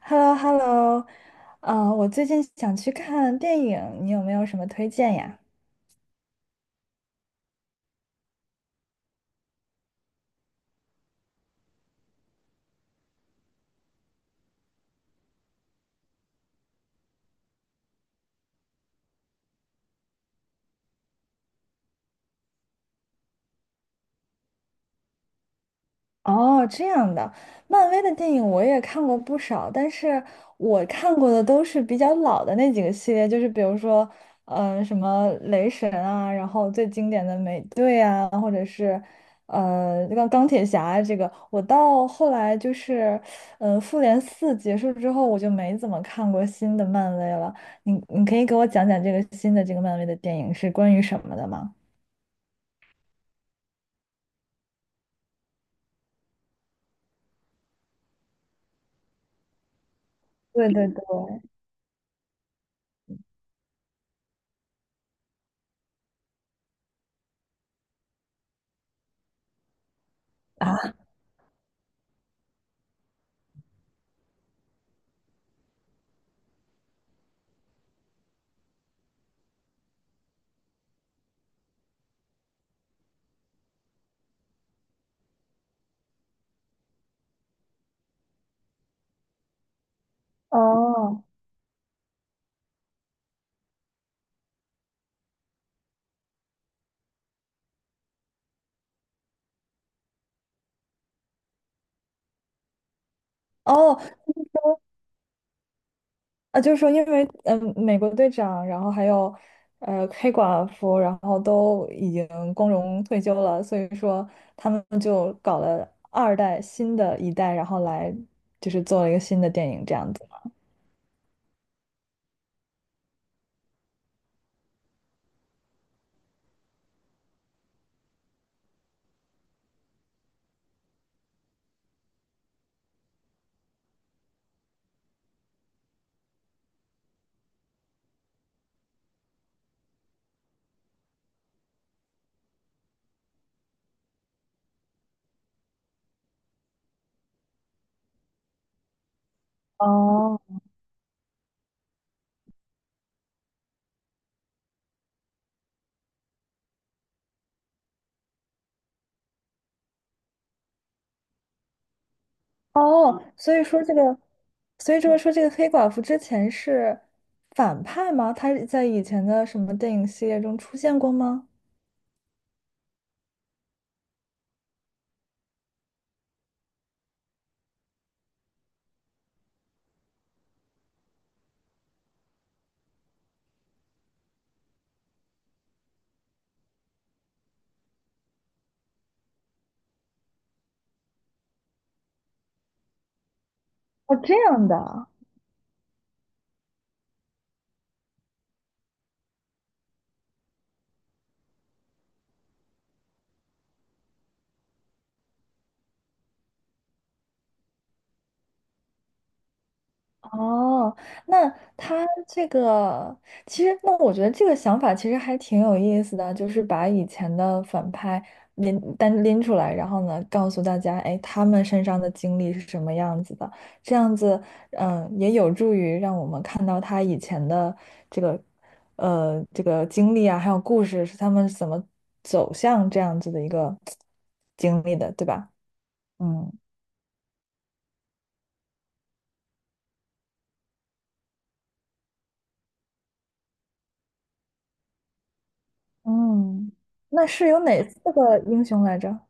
h e l l o h e l l o 我最近想去看电影，你有没有什么推荐呀？哦，这样的，漫威的电影我也看过不少，但是我看过的都是比较老的那几个系列，就是比如说，什么雷神啊，然后最经典的美队啊，或者是，钢铁侠啊这个，我到后来就是，复联四结束之后，我就没怎么看过新的漫威了。你可以给我讲讲这个新的这个漫威的电影是关于什么的吗？对对对。哦。哦，啊，就是说，因为美国队长，然后还有黑寡妇，然后都已经光荣退休了，所以说他们就搞了二代新的一代，然后来就是做了一个新的电影这样子。哦哦，所以说这个，所以说这个黑寡妇之前是反派吗？她在以前的什么电影系列中出现过吗？哦，这样的。哦，那他这个其实，那我觉得这个想法其实还挺有意思的，就是把以前的反派拎单拎出来，然后呢，告诉大家，哎，他们身上的经历是什么样子的，这样子，嗯，也有助于让我们看到他以前的这个，这个经历啊，还有故事是他们怎么走向这样子的一个经历的，对吧？嗯嗯，那是有哪四个英雄来着？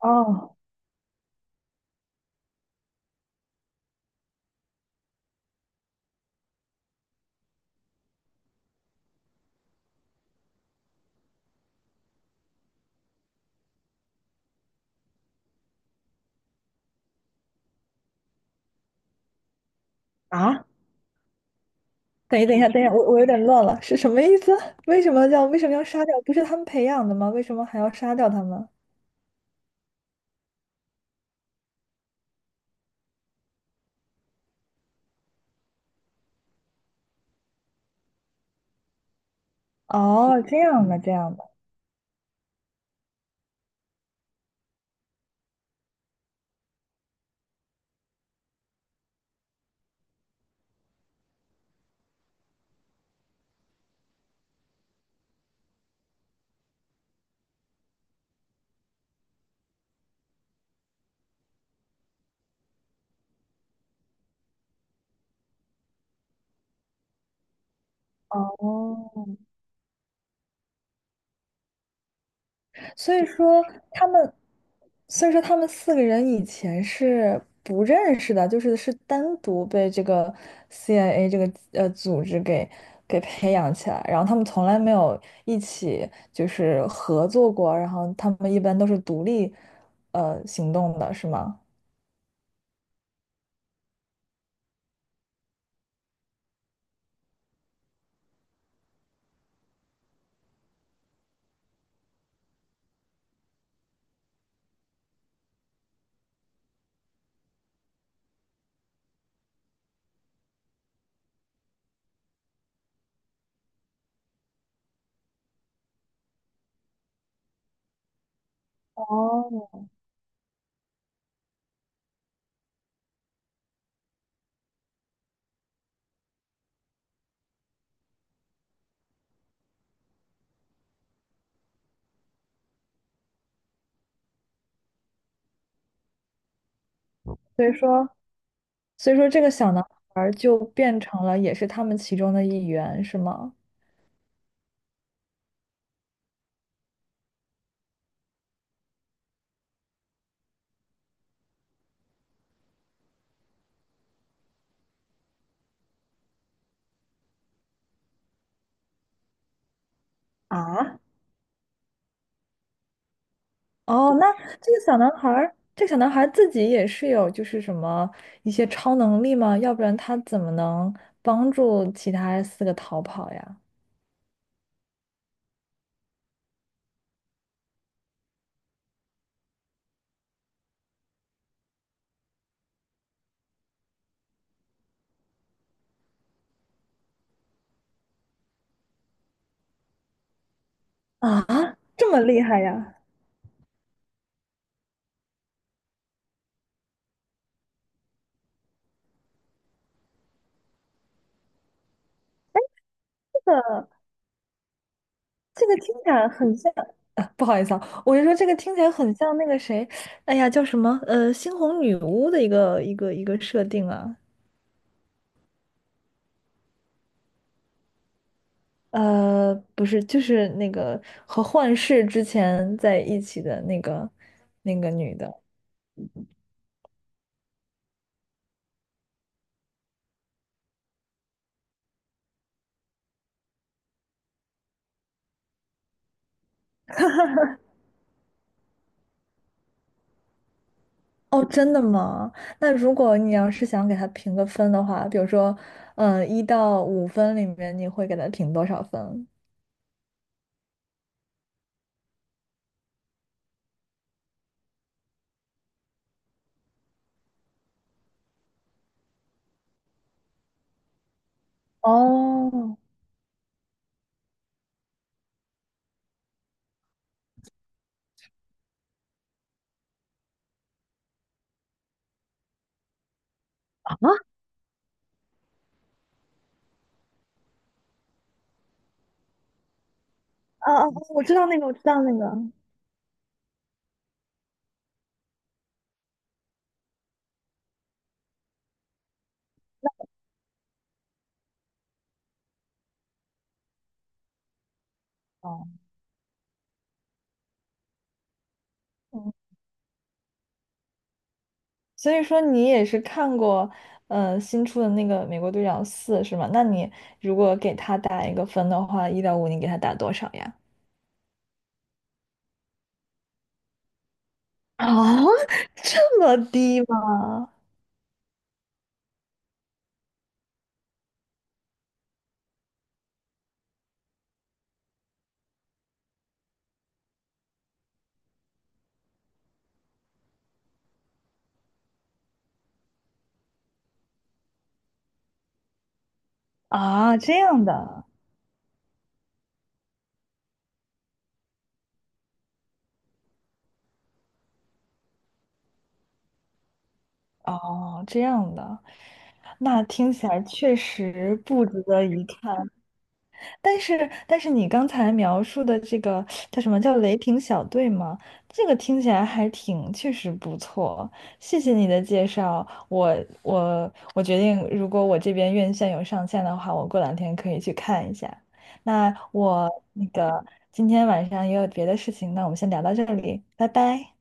哦，啊，等一下，等一下，我有点乱了，是什么意思？为什么要杀掉？不是他们培养的吗？为什么还要杀掉他们？哦，这样的，这样的，哦，所以说他们，所以说他们四个人以前是不认识的，就是是单独被这个 CIA 这个组织给培养起来，然后他们从来没有一起就是合作过，然后他们一般都是独立行动的，是吗？所以说，所以说这个小男孩儿就变成了也是他们其中的一员，是吗？啊，哦，那这个小男孩儿，这个小男孩儿自己也是有就是什么一些超能力吗？要不然他怎么能帮助其他四个逃跑呀？啊，这么厉害呀？这个听起来很像 不好意思啊，我就说这个听起来很像那个谁，哎呀，叫什么？猩红女巫的一个设定啊。不是，就是那个和幻视之前在一起的那个女的。哦，真的吗？那如果你要是想给她评个分的话，比如说，一到五分里面，你会给她评多少分？哦，啊啊，啊我知道那个，我知道那个。哦，嗯，所以说你也是看过，新出的那个《美国队长四》是吗？那你如果给他打一个分的话，一到五，你给他打多少呀？啊，这么低吗？啊，这样的，哦，这样的，那听起来确实不值得一看。但是你刚才描述的这个叫什么叫雷霆小队吗？这个听起来还挺，确实不错。谢谢你的介绍，我决定，如果我这边院线有上线的话，我过两天可以去看一下。那我那个今天晚上也有别的事情，那我们先聊到这里，拜拜。